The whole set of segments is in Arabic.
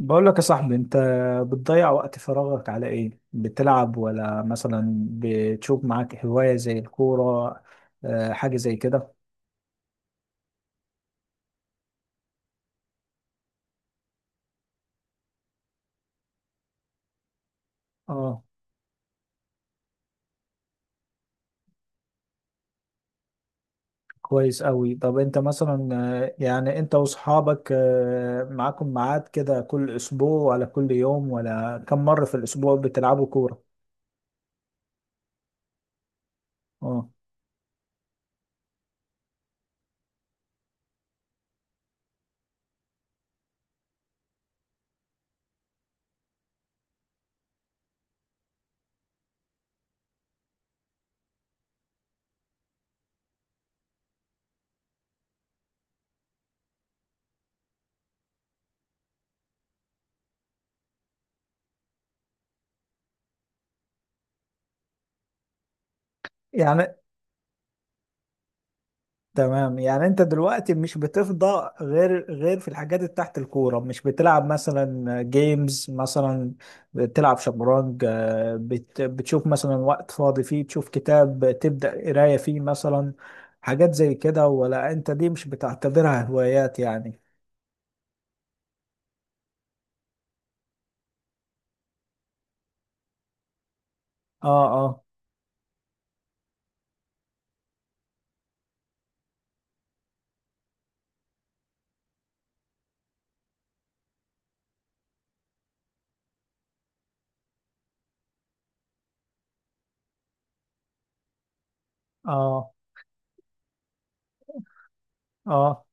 بقول لك يا صاحبي، انت بتضيع وقت فراغك على ايه؟ بتلعب ولا مثلا بتشوف معاك هواية زي الكورة؟ آه، حاجة زي كده. اه. كويس قوي. طب انت مثلا، آه، يعني انت واصحابك، آه، معاكم ميعاد كده كل اسبوع ولا كل يوم ولا كم مرة في الاسبوع بتلعبوا كورة؟ اه. يعني تمام، يعني انت دلوقتي مش بتفضى غير في الحاجات اللي تحت الكورة؟ مش بتلعب مثلا جيمز مثلا، بتلعب شطرنج، آه، بتشوف مثلا وقت فاضي فيه تشوف كتاب، تبدأ قراية فيه مثلا، حاجات زي كده؟ ولا انت دي مش بتعتبرها هوايات يعني؟ اه، اه، اه، اه.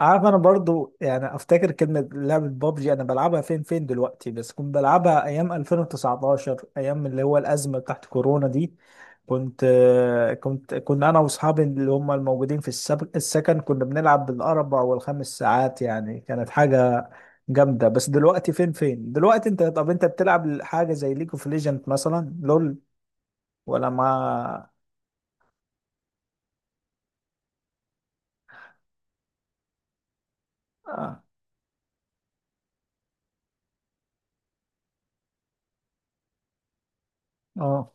عارف، انا برضو يعني افتكر كلمة لعبة بابجي. انا بلعبها فين دلوقتي، بس كنت بلعبها ايام 2019، ايام اللي هو الازمة بتاعت كورونا دي. كنت كنت كنا انا واصحابي اللي هم الموجودين في السكن، كنا بنلعب بالاربع والخمس ساعات، يعني كانت حاجة جامدة. بس دلوقتي فين دلوقتي. انت طب انت بتلعب حاجة زي ليج اوف ليجند مثلا، لول، ولا ما. اه. آه.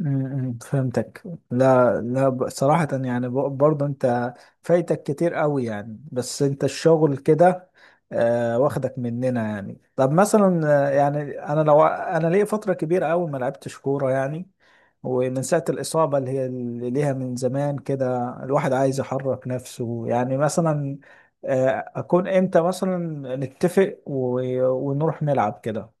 فهمتك. لا لا، صراحة يعني، برضه انت فايتك كتير قوي يعني، بس انت الشغل كده، آه، واخدك مننا يعني. طب مثلا، آه، يعني انا، لو انا ليا فترة كبيرة قوي ما لعبتش كورة يعني، ومن ساعة الإصابة اللي هي اللي ليها من زمان كده، الواحد عايز يحرك نفسه يعني مثلا، آه، أكون إمتى مثلا نتفق ونروح نلعب كده؟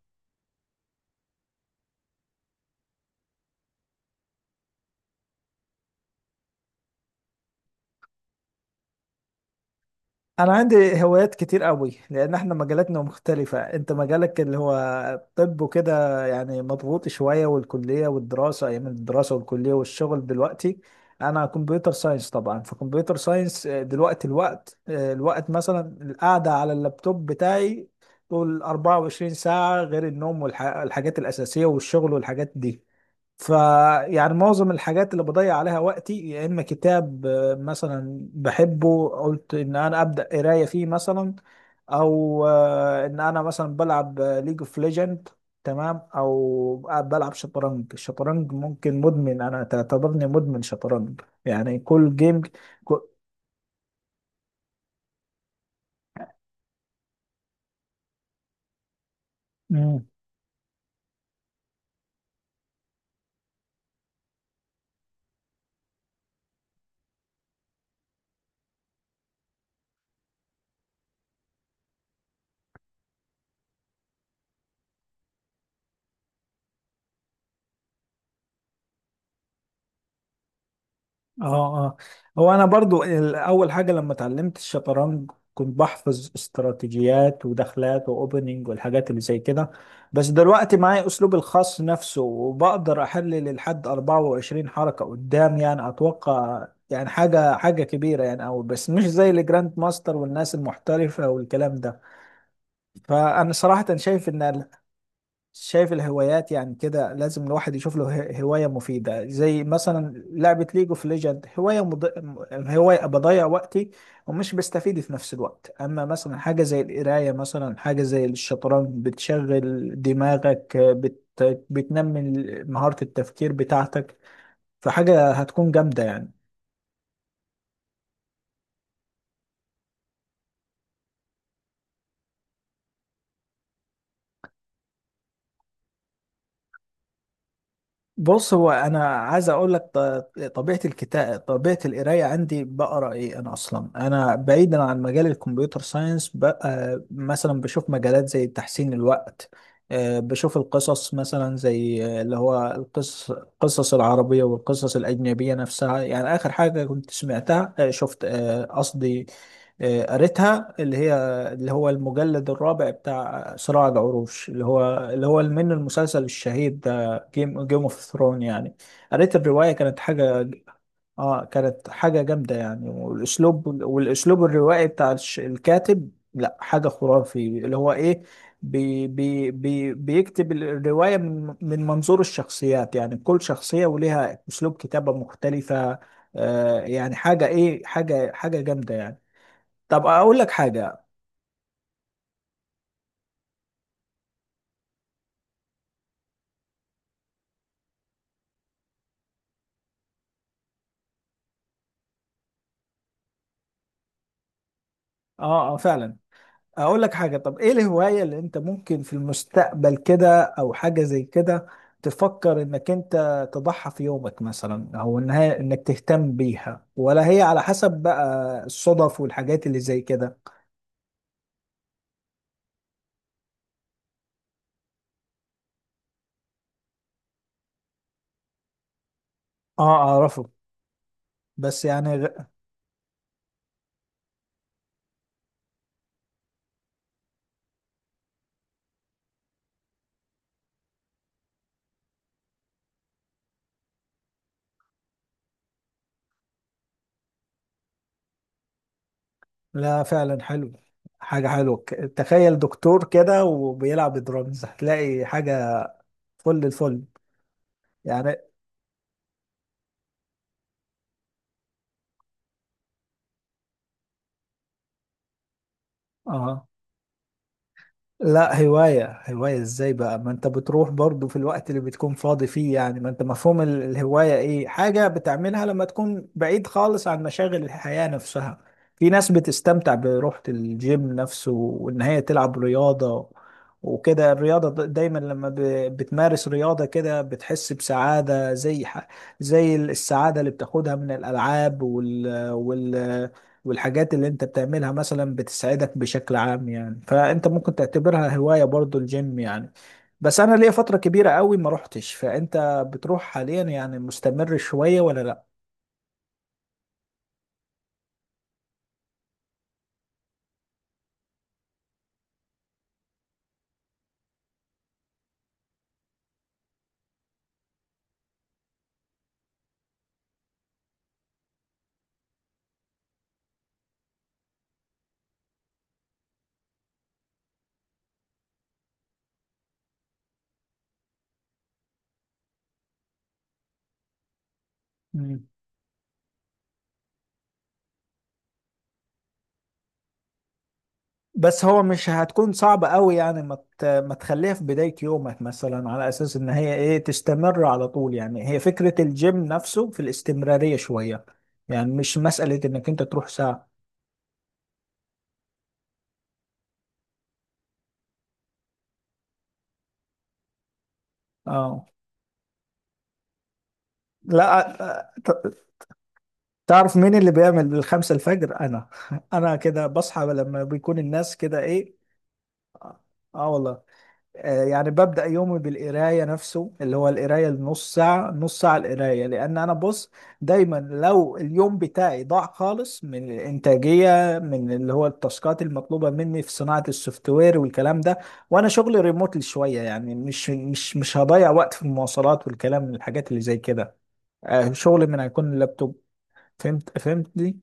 انا عندي هوايات كتير قوي، لان احنا مجالاتنا مختلفة. انت مجالك اللي هو الطب وكده، يعني مضغوط شوية، والكلية والدراسة ايام الدراسة والكلية والشغل دلوقتي. انا كمبيوتر ساينس طبعا، فكمبيوتر ساينس، آه، دلوقتي الوقت، آه، الوقت مثلا، القعدة على اللابتوب بتاعي طول 24 ساعة، غير النوم والحاجات الأساسية والشغل والحاجات دي. فيعني معظم الحاجات اللي بضيع عليها وقتي، يا اما كتاب، آه، مثلا بحبه، قلت ان انا ابدا قرايه فيه مثلا، او آه، ان انا مثلا بلعب ليج اوف ليجند، تمام، او بلعب شطرنج. الشطرنج ممكن، مدمن، انا تعتبرني مدمن شطرنج يعني كل جيم. اه، اه. هو انا برضو اول حاجه لما اتعلمت الشطرنج كنت بحفظ استراتيجيات ودخلات واوبننج والحاجات اللي زي كده، بس دلوقتي معايا اسلوبي الخاص نفسه، وبقدر احلل لحد 24 حركه قدام يعني. اتوقع يعني حاجه، حاجه كبيره يعني، او بس مش زي الجراند ماستر والناس المحترفه والكلام ده. فانا صراحه شايف ان شايف الهوايات يعني كده لازم الواحد يشوف له هواية مفيدة. زي مثلا لعبة ليج اوف ليجند، هواية هواية بضيع وقتي ومش بستفيد في نفس الوقت، اما مثلا حاجة زي القراية، مثلا حاجة زي الشطرنج، بتشغل دماغك، بتنمي مهارة التفكير بتاعتك، فحاجة هتكون جامدة يعني. بص، هو انا عايز اقول لك طبيعه الكتاب، طبيعه القرايه عندي، بقرا ايه انا اصلا. انا بعيدا عن مجال الكمبيوتر ساينس بقى، مثلا بشوف مجالات زي تحسين الوقت، آه، بشوف القصص مثلا، زي آه، اللي هو القصص، العربيه والقصص الاجنبيه نفسها يعني. اخر حاجه كنت سمعتها، آه، شفت، آه، قصدي، آه، قريتها، اللي هو المجلد الرابع بتاع صراع العروش اللي هو، من المسلسل الشهير جيم اوف ثرون يعني. قريت الرواية، كانت حاجة. اه، كانت حاجة جامدة يعني. والاسلوب، الروائي بتاع الكاتب، لا حاجة خرافي. اللي هو ايه، بي بي بي بيكتب الرواية من منظور الشخصيات يعني، كل شخصية وليها اسلوب كتابة مختلفة. آه يعني حاجة ايه، حاجة جامدة يعني. طب اقول لك حاجة. اه، اه، فعلا. اقول لك حاجة. طب ايه الهواية اللي انت ممكن في المستقبل كده او حاجة زي كده تفكر انك انت تضحي في يومك مثلا، او انك تهتم بيها، ولا هي على حسب بقى الصدف والحاجات اللي زي كده؟ اه، اعرفه. بس يعني، لا، فعلا حلو. حاجة حلوة. تخيل دكتور كده وبيلعب درامز، هتلاقي حاجة فل الفل يعني. اه. لا، هواية، هواية ازاي بقى؟ ما انت بتروح برضو في الوقت اللي بتكون فاضي فيه يعني. ما انت مفهوم الهواية ايه؟ حاجة بتعملها لما تكون بعيد خالص عن مشاغل الحياة نفسها. في ناس بتستمتع بروحة الجيم نفسه، وان هي تلعب رياضة وكده. الرياضة دايما لما بتمارس رياضة كده بتحس بسعادة، زي زي السعادة اللي بتاخدها من الألعاب والحاجات اللي انت بتعملها مثلا، بتسعدك بشكل عام يعني. فانت ممكن تعتبرها هواية برضو، الجيم يعني. بس انا ليا فترة كبيرة قوي ما روحتش. فانت بتروح حاليا يعني؟ مستمر شوية ولا لا؟ مم. بس هو مش هتكون صعبة قوي يعني ما تخليها في بداية يومك مثلا، على اساس ان هي ايه تستمر على طول؟ يعني هي فكرة الجيم نفسه في الاستمرارية شوية، يعني مش مسألة انك انت تروح ساعة. اه. لا، آه، تعرف مين اللي بيعمل الـ5 الفجر؟ انا. انا كده بصحى لما بيكون الناس كده ايه. اه. آه والله. آه، يعني ببدأ يومي بالقراية نفسه، اللي هو القراية النص ساعة، نص ساعة القراية، لأن أنا، بص، دايما لو اليوم بتاعي ضاع خالص من الإنتاجية، من اللي هو التاسكات المطلوبة مني في صناعة السوفت وير والكلام ده، وأنا شغلي ريموتلي شوية يعني، مش، مش هضيع وقت في المواصلات والكلام، من الحاجات اللي زي كده، آه، شغلي من هيكون اللابتوب. فهمتني.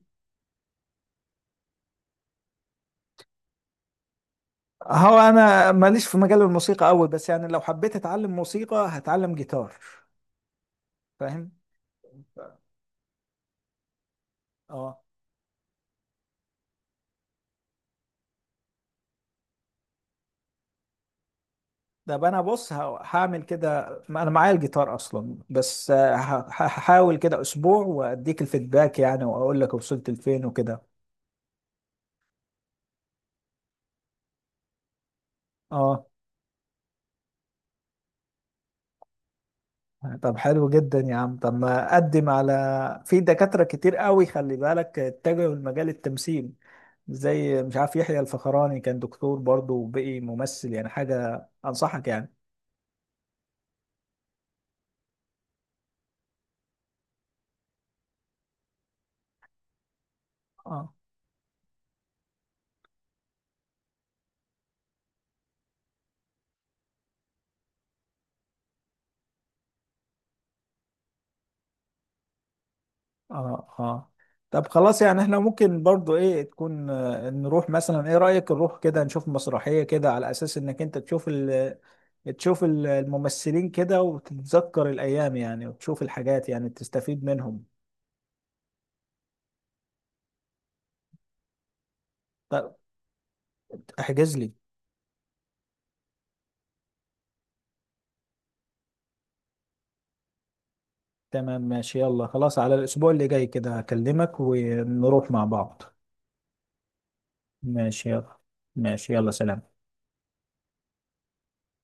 هو انا ماليش في مجال الموسيقى قوي، بس يعني لو حبيت اتعلم موسيقى هتعلم جيتار، فاهم. اه. ده بقى انا، بص، هعمل كده، ما انا معايا الجيتار اصلا، بس آه، هحاول كده اسبوع واديك الفيدباك يعني، واقول لك وصلت لفين وكده. اه. طب حلو جدا يا عم. طب ما اقدم. على في دكاترة كتير قوي خلي بالك اتجهوا لمجال التمثيل، زي مش عارف يحيى الفخراني كان دكتور برضه وبقي ممثل يعني، حاجة انصحك يعني. اه، اه، اه. طب خلاص، يعني احنا ممكن برضو ايه تكون، آه، نروح مثلا، ايه رأيك نروح كده نشوف مسرحية كده، على اساس انك انت تشوف ال، الممثلين كده وتتذكر الايام يعني، وتشوف الحاجات يعني تستفيد منهم؟ طب احجز لي. تمام ماشي، يلا خلاص، على الاسبوع اللي جاي كده هكلمك، ونروح مع بعض. ماشي يلا. ماشي يلا، سلام.